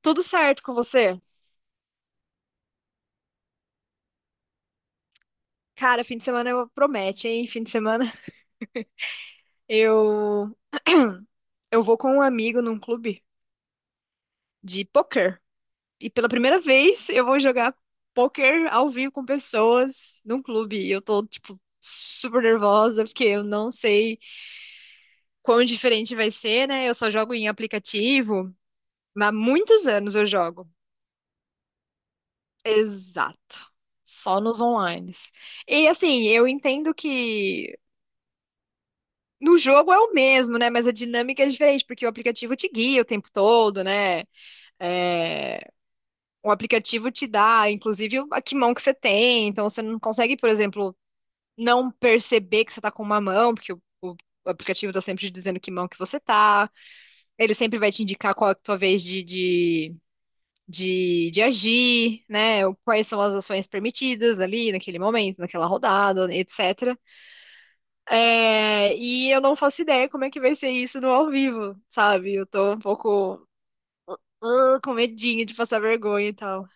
Tudo certo com você? Cara, fim de semana eu promete, hein? Fim de semana eu eu vou com um amigo num clube de poker. E pela primeira vez eu vou jogar poker ao vivo com pessoas num clube. E eu tô, tipo, super nervosa, porque eu não sei quão diferente vai ser, né? Eu só jogo em aplicativo, mas há muitos anos eu jogo. Exato. Só nos online. E assim, eu entendo que no jogo é o mesmo, né? Mas a dinâmica é diferente, porque o aplicativo te guia o tempo todo, né? É, o aplicativo te dá, inclusive, a que mão que você tem. Então, você não consegue, por exemplo, não perceber que você tá com uma mão, porque o aplicativo tá sempre te dizendo que mão que você tá. Ele sempre vai te indicar qual é a tua vez de agir, né? Quais são as ações permitidas ali naquele momento, naquela rodada, etc. É, e eu não faço ideia como é que vai ser isso no ao vivo, sabe? Eu tô um pouco com medinho de passar vergonha e tal.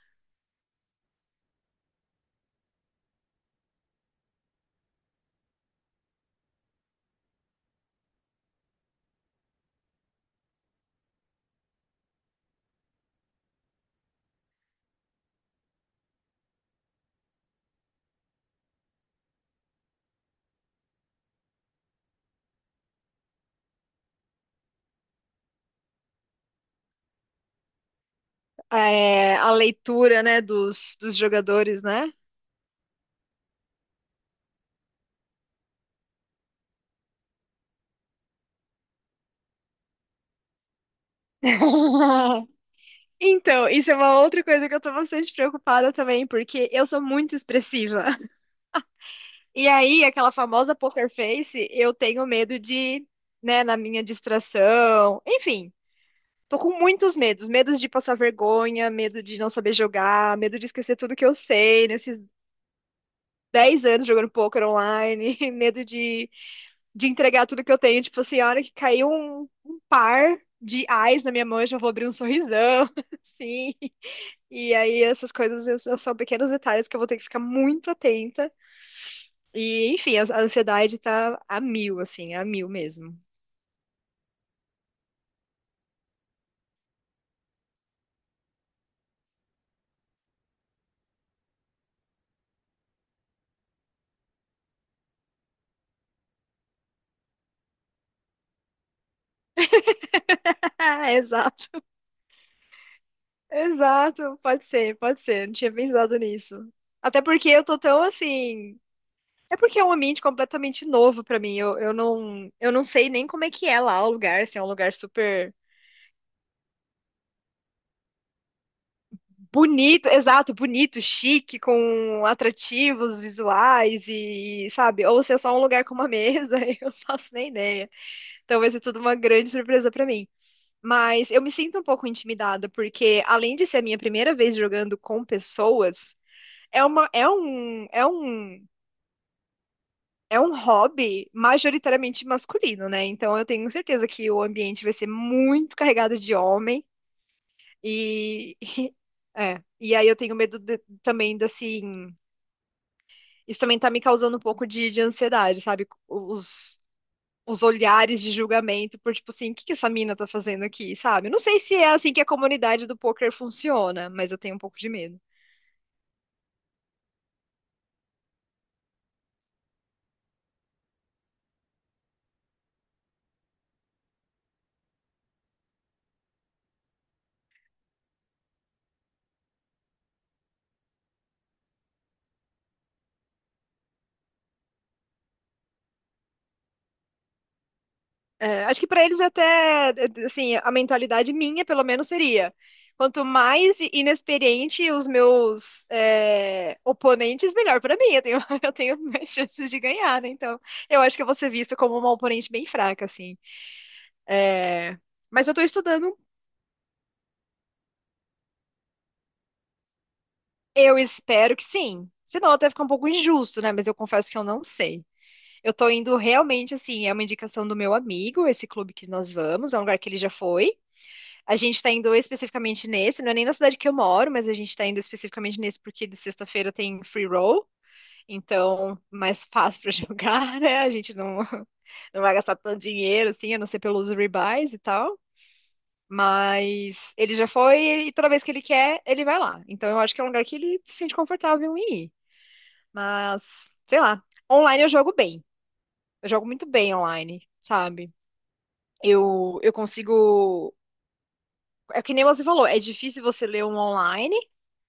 É, a leitura, né, dos jogadores, né? Então, isso é uma outra coisa que eu tô bastante preocupada também, porque eu sou muito expressiva. E aí, aquela famosa poker face, eu tenho medo de, né, na minha distração, enfim. Tô com muitos medos, medos de passar vergonha, medo de não saber jogar, medo de esquecer tudo que eu sei nesses 10 anos jogando poker online, medo de entregar tudo que eu tenho. Tipo assim, a hora que caiu um par de ais na minha mão, eu já vou abrir um sorrisão, assim. E aí essas coisas são pequenos detalhes que eu vou ter que ficar muito atenta. E, enfim, a ansiedade tá a mil, assim, a mil mesmo. Exato. Exato, pode ser, pode ser. Não tinha pensado nisso. Até porque eu tô tão assim. É porque é um ambiente completamente novo pra mim. Eu não sei nem como é que é lá o lugar. Se é um lugar super bonito, exato, bonito, chique, com atrativos visuais e, sabe? Ou se é só um lugar com uma mesa, eu não faço nem ideia. Então vai ser tudo uma grande surpresa pra mim. Mas eu me sinto um pouco intimidada, porque além de ser a minha primeira vez jogando com pessoas, é uma, é um, é um, é um hobby majoritariamente masculino, né? Então eu tenho certeza que o ambiente vai ser muito carregado de homem e é, e aí eu tenho medo também de, assim, isso também tá me causando um pouco de ansiedade, sabe? Os olhares de julgamento por tipo assim, o que que essa mina tá fazendo aqui, sabe? Eu não sei se é assim que a comunidade do poker funciona, mas eu tenho um pouco de medo. É, acho que para eles até, assim, a mentalidade minha, pelo menos, seria. Quanto mais inexperiente os meus oponentes, melhor para mim. Eu tenho, eu tenho mais chances de ganhar, né? Então, eu acho que eu vou ser vista como uma oponente bem fraca, assim. É, mas eu estou estudando. Eu espero que sim. Senão até fica um pouco injusto, né? Mas eu confesso que eu não sei. Eu tô indo realmente, assim, é uma indicação do meu amigo, esse clube que nós vamos, é um lugar que ele já foi. A gente está indo especificamente nesse, não é nem na cidade que eu moro, mas a gente está indo especificamente nesse porque de sexta-feira tem free roll, então mais fácil para jogar, né? A gente não vai gastar tanto dinheiro, assim, a não ser pelos rebuys e tal. Mas ele já foi e toda vez que ele quer, ele vai lá. Então eu acho que é um lugar que ele se sente confortável em ir. Mas, sei lá, online eu jogo bem. Eu jogo muito bem online, sabe? Eu consigo. É que nem você falou, é difícil você ler um online,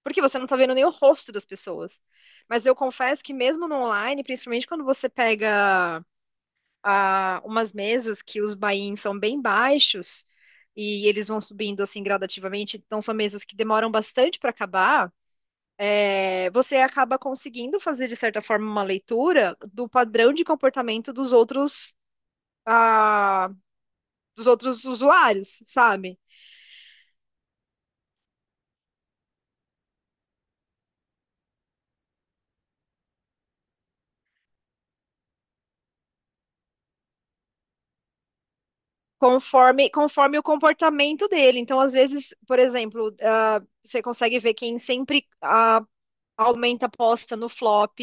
porque você não tá vendo nem o rosto das pessoas. Mas eu confesso que mesmo no online, principalmente quando você pega umas mesas que os buy-ins são bem baixos e eles vão subindo assim gradativamente, então são mesas que demoram bastante para acabar, é, você acaba conseguindo fazer, de certa forma, uma leitura do padrão de comportamento dos outros, ah, dos outros usuários, sabe? Conforme o comportamento dele. Então, às vezes, por exemplo, você consegue ver quem sempre aumenta a aposta no flop,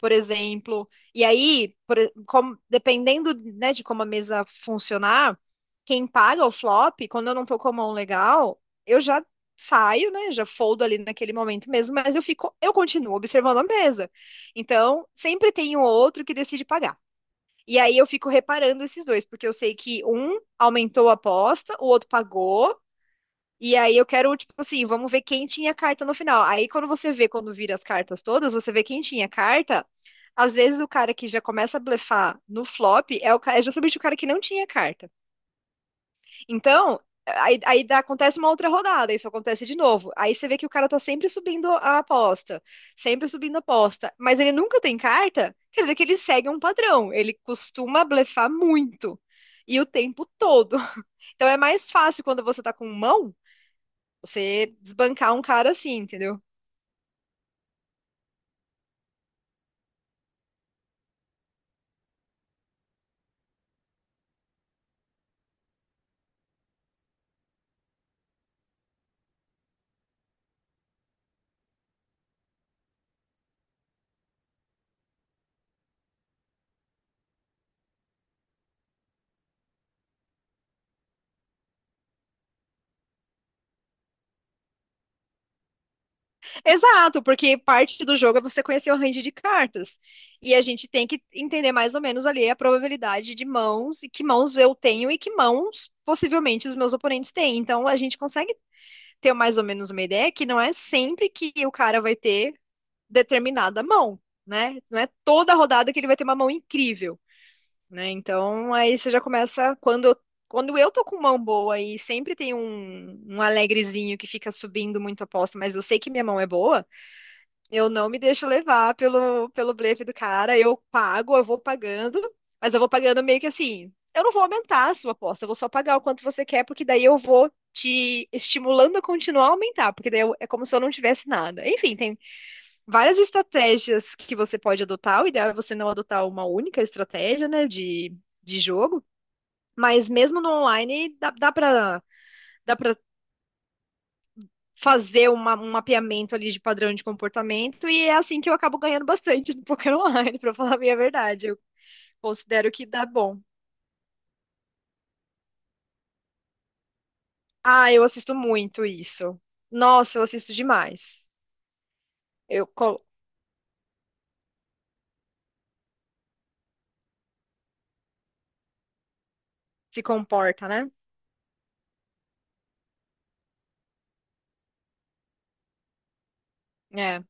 por exemplo. E aí, dependendo, né, de como a mesa funcionar, quem paga o flop, quando eu não tô com a mão legal, eu já saio, né, já foldo ali naquele momento mesmo, mas eu fico, eu continuo observando a mesa. Então, sempre tem o outro que decide pagar. E aí eu fico reparando esses dois, porque eu sei que um aumentou a aposta, o outro pagou. E aí eu quero, tipo assim, vamos ver quem tinha carta no final. Aí quando você vê, quando vira as cartas todas, você vê quem tinha carta. Às vezes o cara que já começa a blefar no flop é justamente o cara que não tinha carta. Então, aí acontece uma outra rodada, isso acontece de novo. Aí você vê que o cara tá sempre subindo a aposta, sempre subindo a aposta, mas ele nunca tem carta, quer dizer que ele segue um padrão, ele costuma blefar muito. E o tempo todo. Então é mais fácil quando você tá com mão, você desbancar um cara assim, entendeu? Exato, porque parte do jogo é você conhecer o range de cartas. E a gente tem que entender mais ou menos ali a probabilidade de mãos e que mãos eu tenho e que mãos possivelmente os meus oponentes têm. Então a gente consegue ter mais ou menos uma ideia que não é sempre que o cara vai ter determinada mão, né? Não é toda rodada que ele vai ter uma mão incrível, né? Então aí você já começa quando eu tô com mão boa e sempre tem um alegrezinho que fica subindo muito a aposta, mas eu sei que minha mão é boa, eu não me deixo levar pelo blefe do cara. Eu pago, eu vou pagando, mas eu vou pagando meio que assim. Eu não vou aumentar a sua aposta, eu vou só pagar o quanto você quer, porque daí eu vou te estimulando a continuar a aumentar, porque daí é como se eu não tivesse nada. Enfim, tem várias estratégias que você pode adotar. O ideal é você não adotar uma única estratégia, né, de jogo, mas mesmo no online dá para fazer um mapeamento ali de padrão de comportamento, e é assim que eu acabo ganhando bastante no poker online, pra falar bem a minha verdade. Eu considero que dá bom. Ah, eu assisto muito isso. Nossa, eu assisto demais. Eu co- Se comporta, né? É,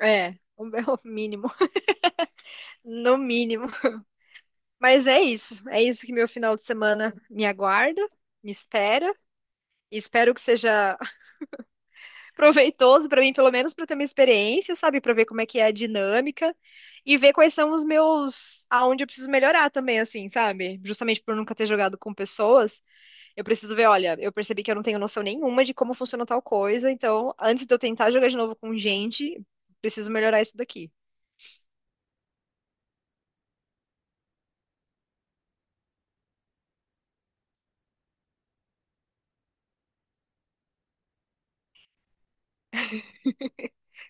é, o meu mínimo, no mínimo. Mas é isso que meu final de semana me aguarda, me espera. Espero que seja proveitoso para mim, pelo menos para ter uma experiência, sabe? Para ver como é que é a dinâmica e ver quais são aonde eu preciso melhorar também, assim, sabe? Justamente por nunca ter jogado com pessoas, eu preciso ver, olha, eu percebi que eu não tenho noção nenhuma de como funciona tal coisa, então antes de eu tentar jogar de novo com gente, preciso melhorar isso daqui.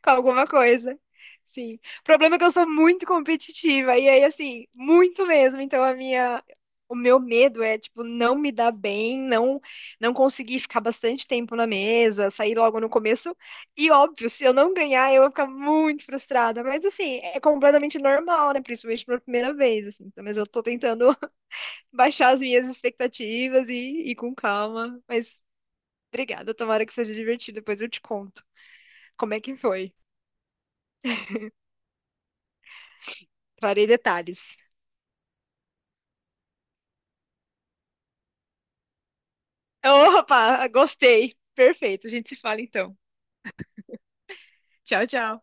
Com alguma coisa. Sim. O problema é que eu sou muito competitiva. E aí, assim, muito mesmo. Então, a minha. O meu medo é, tipo, não me dar bem, não conseguir ficar bastante tempo na mesa, sair logo no começo. E, óbvio, se eu não ganhar, eu vou ficar muito frustrada. Mas, assim, é completamente normal, né? Principalmente pela primeira vez, assim. Então, mas eu tô tentando baixar as minhas expectativas e ir com calma. Mas, obrigada. Tomara que seja divertido. Depois eu te conto como é que foi. Trarei detalhes. Opa, gostei. Perfeito. A gente se fala então. Tchau, tchau.